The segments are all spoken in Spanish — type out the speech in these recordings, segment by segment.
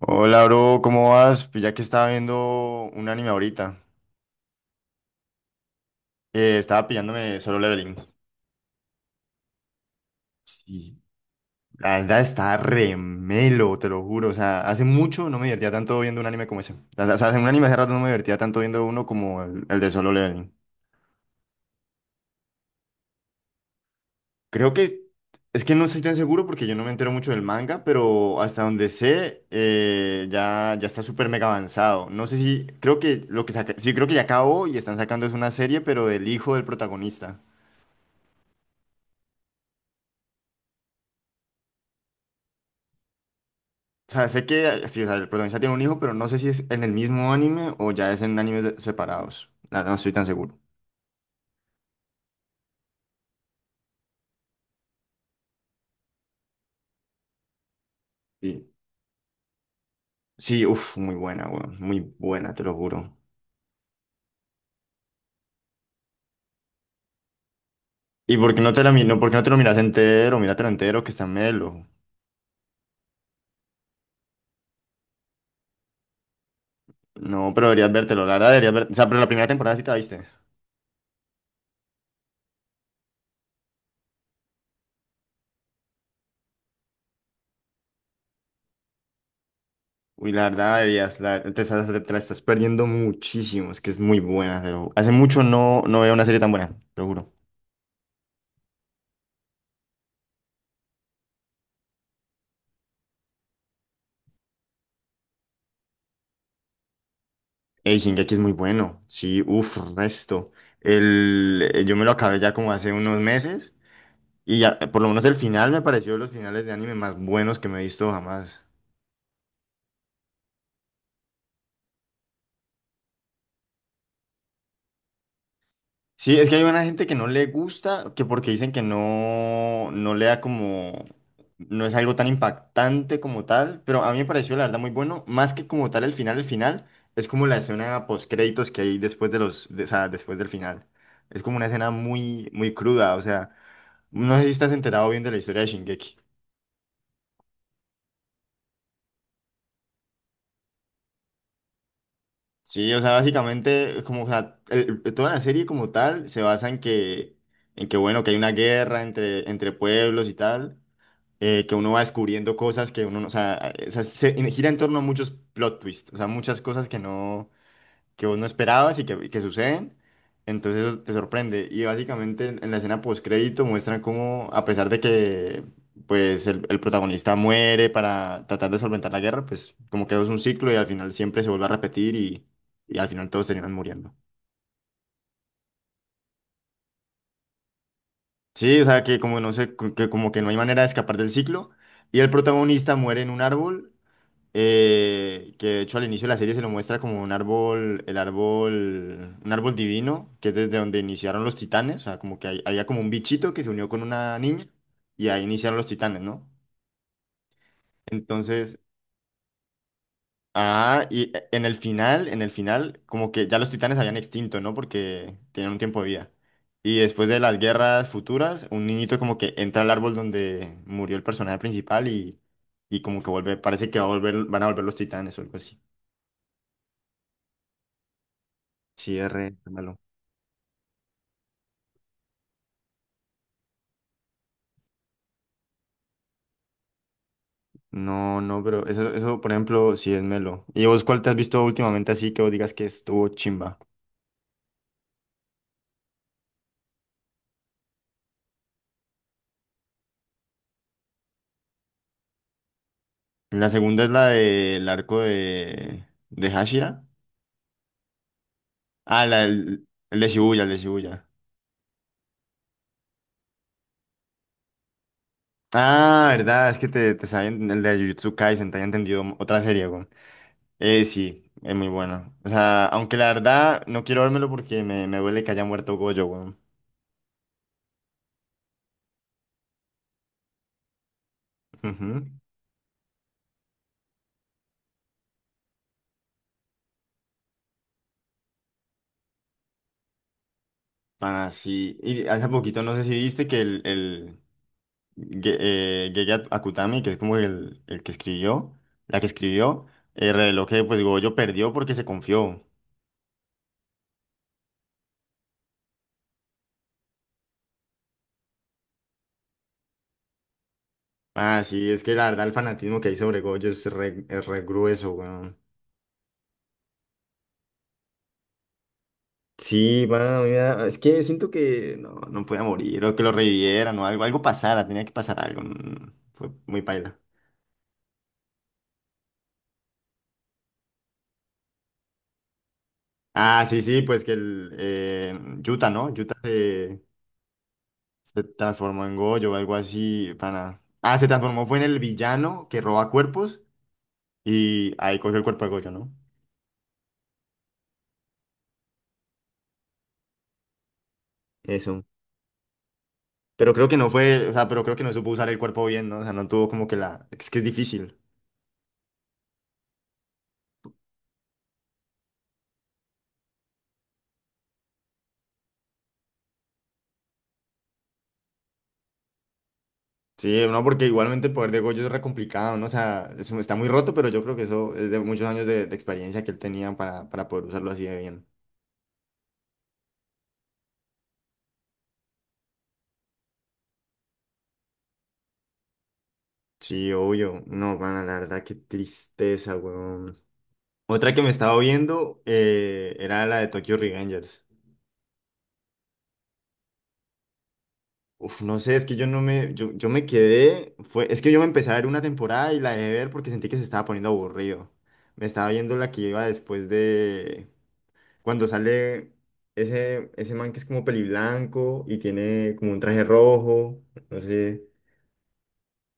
Hola, bro, ¿cómo vas? Pues ya que estaba viendo un anime ahorita, estaba pillándome Solo Leveling. Sí, la verdad está remelo, te lo juro. O sea, hace mucho no me divertía tanto viendo un anime como ese. O sea, en un anime hace rato no me divertía tanto viendo uno como el de Solo Leveling. Creo que es que no estoy tan seguro porque yo no me entero mucho del manga, pero hasta donde sé, ya está súper mega avanzado. No sé si, creo que lo que saca, sí, creo que ya acabó y están sacando es una serie, pero del hijo del protagonista. O sea, sé que sí, o sea, el protagonista tiene un hijo, pero no sé si es en el mismo anime o ya es en separados. La verdad, no estoy tan seguro. Sí, sí, uff, muy buena, weón. Muy buena, te lo juro. ¿Y por qué no por qué no te lo miras entero? Míratelo entero, que está melo. No, pero deberías vértelo, la verdad deberías ver. O sea, pero la primera temporada sí te la viste. Uy, la verdad deberías, te la estás perdiendo muchísimo. Es que es muy buena, pero hace mucho no veo una serie tan buena, te lo juro. Ey, Shingeki es muy bueno. Sí, uff, resto. Yo me lo acabé ya como hace unos meses. Y ya, por lo menos el final me pareció de los finales de anime más buenos que me he visto jamás. Sí, es que hay una gente que no le gusta, que porque dicen que no le da como, no es algo tan impactante como tal, pero a mí me pareció la verdad muy bueno, más que como tal el final es como la escena post créditos que hay después de o sea, después del final. Es como una escena muy cruda, o sea. No sé si estás enterado bien de la historia de Shingeki. Sí, o sea, básicamente, es como, o sea, toda la serie como tal se basa en que, bueno, que hay una guerra entre pueblos y tal, que uno va descubriendo cosas que uno no, o sea, gira en torno a muchos plot twists, o sea, muchas cosas que no, que vos no esperabas y que suceden, entonces eso te sorprende. Y básicamente en la escena postcrédito muestran cómo, a pesar de que pues el protagonista muere para tratar de solventar la guerra, pues como que eso es un ciclo y al final siempre se vuelve a repetir y al final todos terminan muriendo. Sí, o sea que como no sé, que como que no hay manera de escapar del ciclo y el protagonista muere en un árbol que de hecho al inicio de la serie se lo muestra como un árbol, el árbol, un árbol divino, que es desde donde iniciaron los titanes, o sea, como que había como un bichito que se unió con una niña y ahí iniciaron los titanes, ¿no? Entonces, ah, y en el final, como que ya los titanes habían extinto, ¿no? Porque tenían un tiempo de vida. Y después de las guerras futuras, un niñito como que entra al árbol donde murió el personaje principal y como que vuelve, parece que va a volver, van a volver los titanes o algo así. Sí, es re malo. No, pero eso, por ejemplo, sí es melo. ¿Y vos cuál te has visto últimamente así que vos digas que estuvo chimba? La segunda es la del arco de Hashira. Ah, la del, el de Shibuya, el de Shibuya. Ah, verdad, es que te saben el de Jujutsu Kaisen, te haya entendido otra serie, güey. Sí, es muy bueno. O sea, aunque la verdad no quiero vérmelo porque me duele que haya muerto Gojo, güey. Ujú. Pana, sí. Y hace poquito no sé si viste que Ge- llegué a Kutami, que es como el que escribió, la que escribió, reveló que pues Goyo perdió porque se confió. Ah, sí, es que la verdad el fanatismo que hay sobre Goyo es re grueso, weón. Sí, bueno, mira, es que siento que no podía morir, o que lo revivieran, o algo, algo pasara, tenía que pasar algo. Fue muy paila. Ah, sí, sí, pues que el Yuta, ¿no? Se transformó en Goyo o algo así, pana. Ah, se transformó, fue en el villano que roba cuerpos. Y ahí cogió el cuerpo de Goyo, ¿no? Eso. Pero creo que no fue, o sea, pero creo que no supo usar el cuerpo bien, ¿no? O sea, no tuvo como que la... Es que es difícil. Sí, no, porque igualmente el poder de Goyo es re complicado, ¿no? O sea, está muy roto, pero yo creo que eso es de muchos años de experiencia que él tenía para poder usarlo así de bien. Sí, obvio. No, van la verdad, qué tristeza, weón. Otra que me estaba viendo era la de Tokyo Revengers. Uf, no sé, es que yo no me, yo me quedé, fue, es que yo me empecé a ver una temporada y la dejé ver porque sentí que se estaba poniendo aburrido. Me estaba viendo la que iba después de cuando sale ese man que es como peliblanco y tiene como un traje rojo, no sé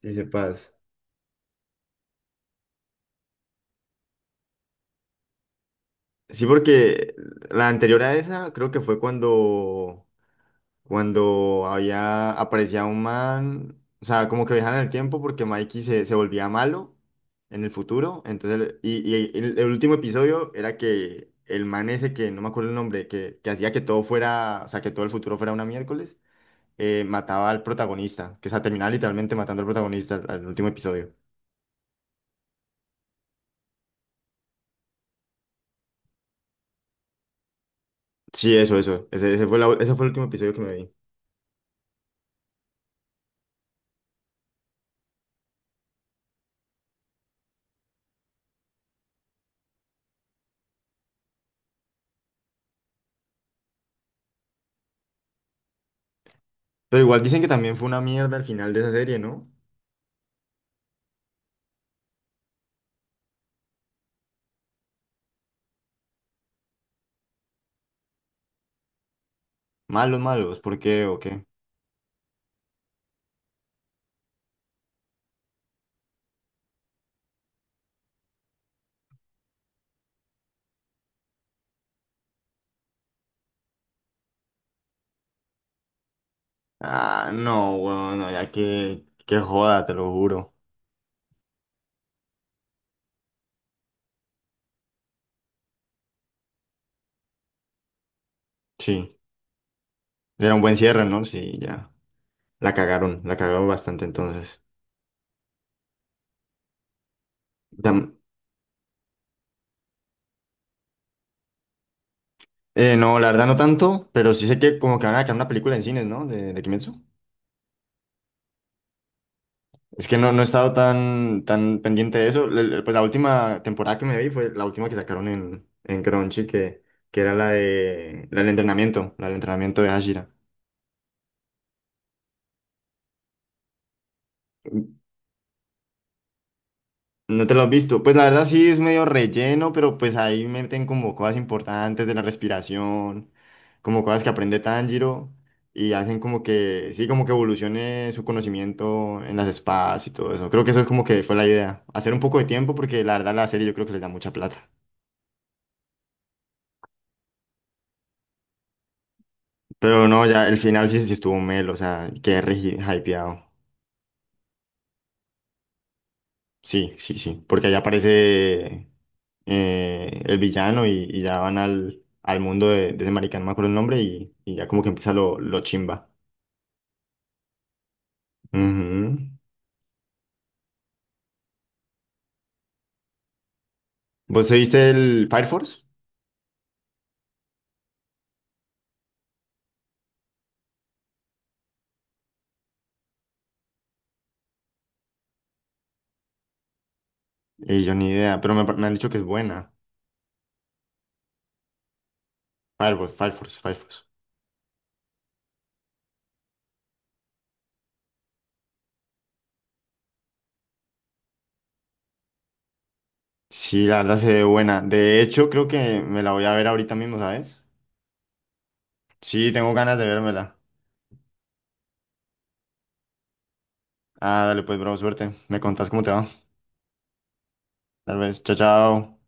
si sepas. Sí, porque la anterior a esa creo que fue cuando había, aparecía un man, o sea, como que viajaban en el tiempo porque se volvía malo en el futuro, entonces, el último episodio era que el man ese, que no me acuerdo el nombre, que hacía que todo fuera, o sea, que todo el futuro fuera una miércoles, mataba al protagonista, que o sea, terminaba literalmente matando al protagonista al último episodio. Sí, ese fue ese fue el último episodio que me vi. Pero igual dicen que también fue una mierda al final de esa serie, ¿no? Malos, malos, ¿por qué o qué? Ah, no, weón, no, ya que joda, te lo juro. Sí, era un buen cierre, ¿no? Sí, ya. La cagaron bastante entonces. Tam- no, la verdad no tanto, pero sí sé que como que van a sacar una película en cines, ¿no? De Kimetsu. Es que no, no he estado tan, tan pendiente de eso. Pues la última temporada que me vi fue la última que sacaron en Crunchy, que era la de, la del entrenamiento de Hashira. No te lo has visto. Pues la verdad sí es medio relleno, pero pues ahí meten como cosas importantes de la respiración, como cosas que aprende Tanjiro y hacen como que, sí, como que evolucione su conocimiento en las espadas y todo eso. Creo que eso es como que fue la idea. Hacer un poco de tiempo porque la verdad la serie yo creo que les da mucha plata. Pero no, ya el final sí, sí estuvo melo, o sea, quedé re hypeado. Sí, sí, sí, porque allá aparece el villano y ya van al mundo de ese marica, no me acuerdo el nombre, y ya como que empieza lo chimba. Ujú. ¿Vos te viste el Fire Force? Yo ni idea, pero me han dicho que es buena. Fire Force. Sí, la verdad se ve buena. De hecho, creo que me la voy a ver ahorita mismo, ¿sabes? Sí, tengo ganas de vérmela. Ah, dale pues, bro, suerte. Me contás cómo te va. Tal vez, chao, chao.